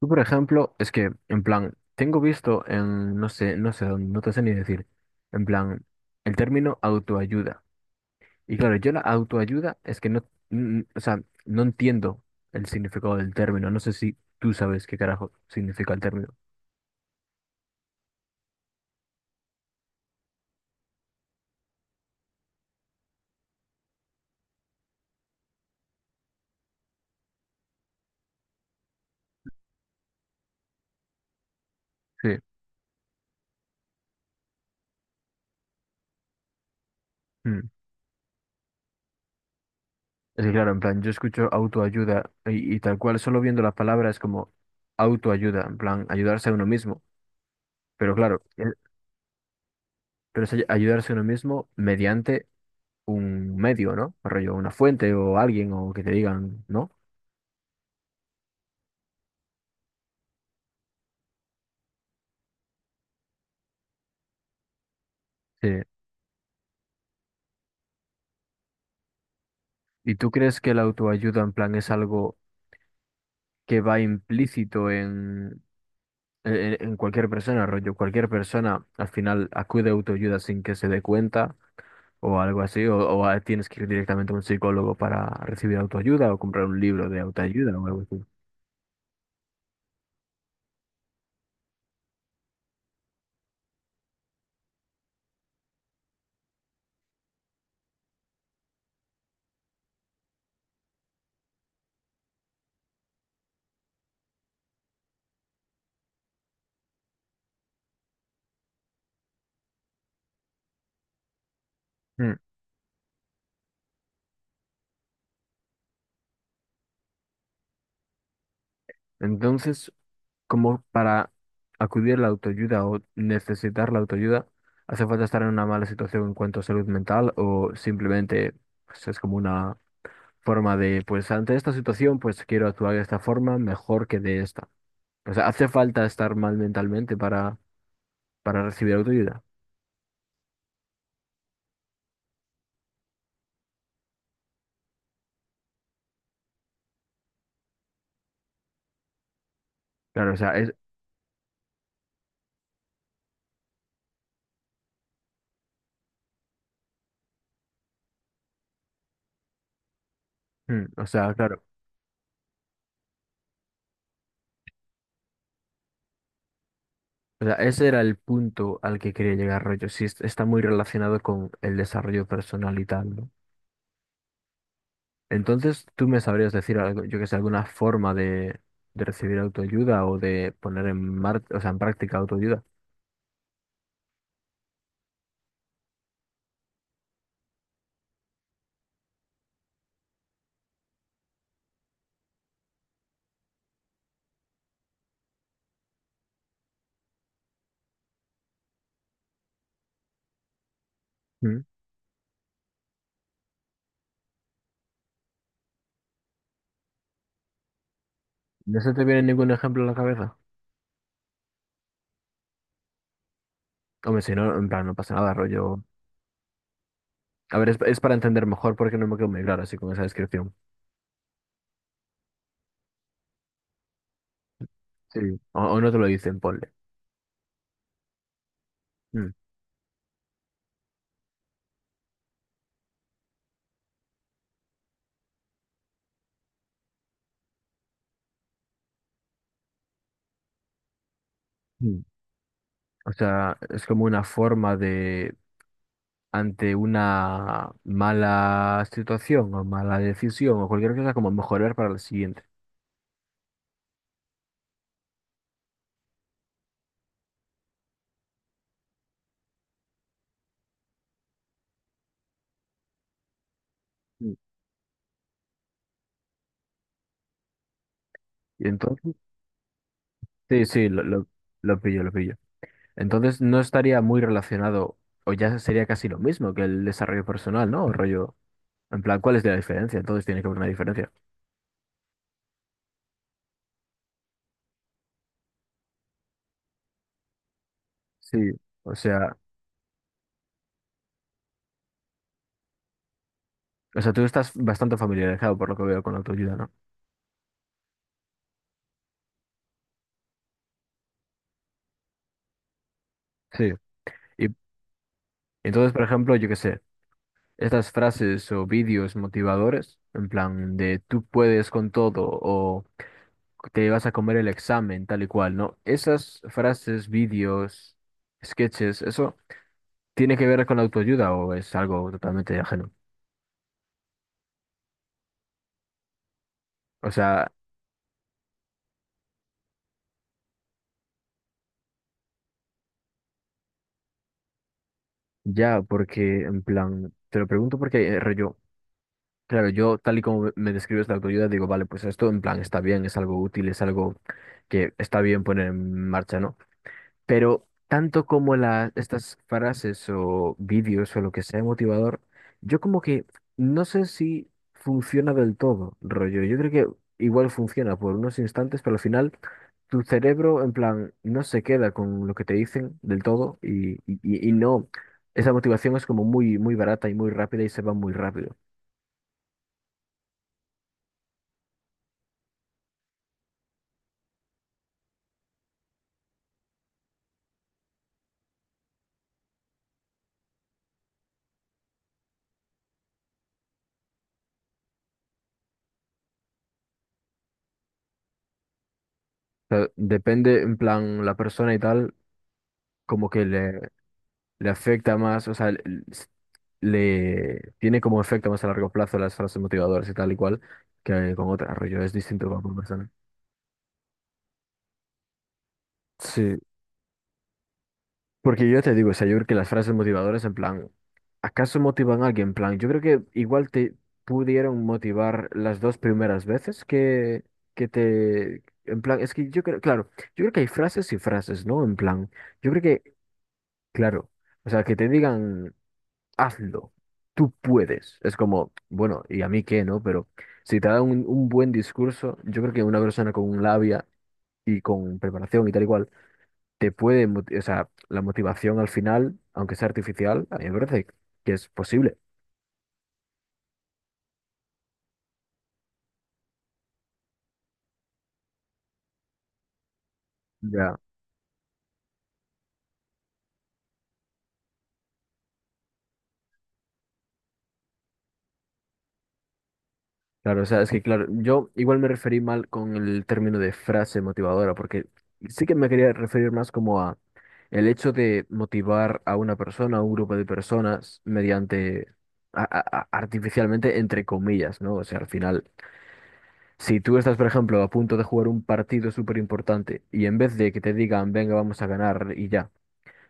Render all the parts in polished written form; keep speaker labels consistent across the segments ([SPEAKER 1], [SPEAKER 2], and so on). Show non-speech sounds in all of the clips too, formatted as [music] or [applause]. [SPEAKER 1] Tú, por ejemplo, es que, en plan, tengo visto en, no sé, no sé dónde, no te sé ni decir, en plan, el término autoayuda. Y claro, yo la autoayuda es que no, o sea, no entiendo el significado del término. No sé si tú sabes qué carajo significa el término. Sí. Mm. Es que, claro, en plan, yo escucho autoayuda y tal cual, solo viendo las palabras como autoayuda, en plan, ayudarse a uno mismo. Pero claro, pero es ayudarse a uno mismo mediante un medio, ¿no? Rollo, una fuente o alguien o que te digan, ¿no? Sí. ¿Y tú crees que la autoayuda en plan es algo que va implícito en cualquier persona, rollo? Cualquier persona al final acude a autoayuda sin que se dé cuenta o algo así, o tienes que ir directamente a un psicólogo para recibir autoayuda o comprar un libro de autoayuda o algo así. Mm. Entonces, como para acudir a la autoayuda o necesitar la autoayuda, hace falta estar en una mala situación en cuanto a salud mental o simplemente, pues, es como una forma de, pues ante esta situación, pues quiero actuar de esta forma mejor que de esta. O sea, hace falta estar mal mentalmente para recibir autoayuda. Claro, o sea, es, mm, o sea, claro. O sea, ese era el punto al que quería llegar, rollo. Sí, está muy relacionado con el desarrollo personal y tal, ¿no? Entonces, ¿tú me sabrías decir algo, yo que sé, alguna forma de recibir autoayuda o de poner en mar, o sea, en práctica autoayuda? ¿Mm? ¿No se te viene ningún ejemplo a la cabeza? Hombre, si no, en plan, no pasa nada, rollo. A ver, es para entender mejor porque no me quedo muy claro así con esa descripción. Sí. O no te lo dicen, ponle. Mm. Mm. O sea, es como una forma de, ante una mala situación o mala decisión o cualquier cosa, como mejorar para la siguiente. Mm. Y entonces, sí, sí, lo pillo, lo pillo. Entonces no estaría muy relacionado, o ya sería casi lo mismo que el desarrollo personal, ¿no? El rollo, en plan, ¿cuál es la diferencia? Entonces tiene que haber una diferencia. Sí, o sea, o sea, tú estás bastante familiarizado por lo que veo con la autoayuda, ¿no? Sí. Y entonces, por ejemplo, yo qué sé, estas frases o vídeos motivadores, en plan de tú puedes con todo o te vas a comer el examen, tal y cual, ¿no? Esas frases, vídeos, sketches, ¿eso tiene que ver con la autoayuda o es algo totalmente ajeno? O sea, ya, porque en plan, te lo pregunto porque rollo, claro, yo tal y como me describes la autoayuda, digo, vale, pues esto en plan está bien, es algo útil, es algo que está bien poner en marcha, ¿no? Pero tanto como estas frases o vídeos o lo que sea motivador, yo como que no sé si funciona del todo, rollo. Yo creo que igual funciona por unos instantes, pero al final tu cerebro en plan no se queda con lo que te dicen del todo y no, esa motivación es como muy, muy barata y muy rápida y se va muy rápido. O sea, depende en plan la persona y tal, como que le afecta más, o sea, le tiene como efecto más a largo plazo las frases motivadoras y tal y cual que con otra rollo, es distinto para cada persona. Sí, porque yo te digo, o sea, yo creo que las frases motivadoras en plan, ¿acaso motivan a alguien? En plan, yo creo que igual te pudieron motivar las dos primeras veces que te, en plan, es que yo creo, claro, yo creo que hay frases y frases, ¿no? En plan, yo creo que, claro, o sea, que te digan, hazlo, tú puedes. Es como, bueno, ¿y a mí qué, no? Pero si te da un buen discurso, yo creo que una persona con labia y con preparación y tal y cual, te puede, o sea, la motivación al final, aunque sea artificial, a mí me parece que es posible. Ya. Claro, o sea, es que claro, yo igual me referí mal con el término de frase motivadora, porque sí que me quería referir más como a el hecho de motivar a una persona, a un grupo de personas, mediante artificialmente, entre comillas, ¿no? O sea, al final, si tú estás, por ejemplo, a punto de jugar un partido súper importante y en vez de que te digan, venga, vamos a ganar y ya,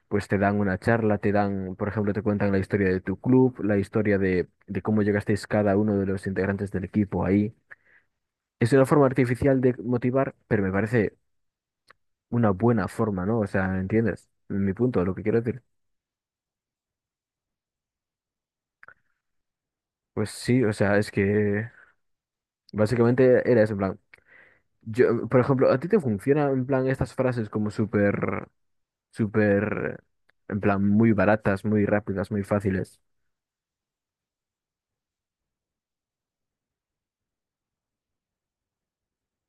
[SPEAKER 1] pues te dan una charla, te dan, por ejemplo, te cuentan la historia de tu club, la historia de cómo llegasteis cada uno de los integrantes del equipo ahí. Es una forma artificial de motivar, pero me parece una buena forma, ¿no? O sea, ¿entiendes? Mi punto, lo que quiero decir. Pues sí, o sea, es que básicamente era eso, en plan. Yo, por ejemplo, ¿a ti te funciona en plan estas frases como súper, súper, en plan, muy baratas, muy rápidas, muy fáciles?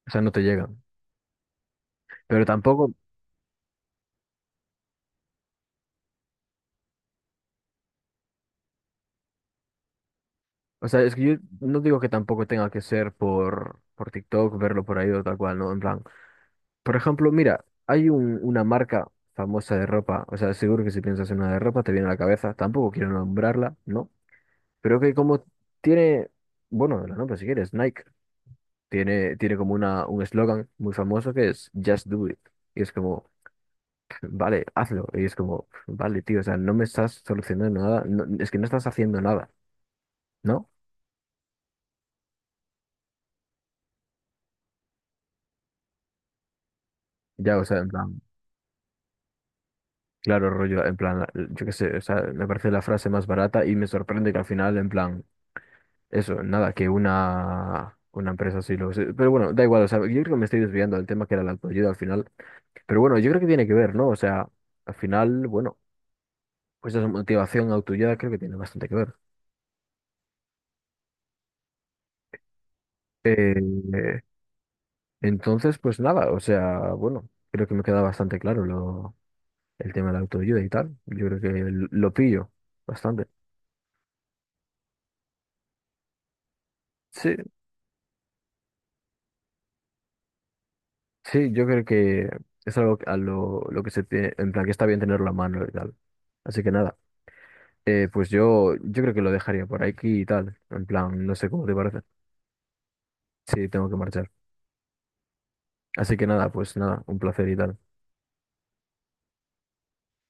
[SPEAKER 1] O sea, no te llegan. Pero tampoco, o sea, es que yo no digo que tampoco tenga que ser por TikTok, verlo por ahí o tal cual, ¿no? En plan. Por ejemplo, mira, hay una marca famosa de ropa, o sea, seguro que si piensas en una de ropa te viene a la cabeza, tampoco quiero nombrarla, ¿no? Pero que como tiene, bueno, la nombro si quieres, Nike, tiene como una, un eslogan muy famoso que es Just Do It. Y es como, [laughs] vale, hazlo. Y es como, vale, tío, o sea, no me estás solucionando nada, es que no estás haciendo nada, ¿no? Ya, o sea, en plan, claro, rollo, en plan, yo qué sé, o sea, me parece la frase más barata y me sorprende que al final, en plan, eso, nada, que una empresa sí lo, sí. Pero bueno, da igual, o sea, yo creo que me estoy desviando del tema que era la autoayuda al final. Pero bueno, yo creo que tiene que ver, ¿no? O sea, al final, bueno, pues esa motivación autoayuda creo que tiene bastante que ver. Eh, eh, entonces, pues nada, o sea, bueno, creo que me queda bastante claro lo, el tema de la autoayuda y tal. Yo creo que lo pillo bastante. Sí, sí, yo creo que es algo a lo que se tiene, en plan que está bien tenerlo a mano y tal. Así que nada. Pues yo, yo creo que lo dejaría por aquí y tal. En plan, no sé cómo te parece. Sí, tengo que marchar. Así que nada, pues nada, un placer y tal.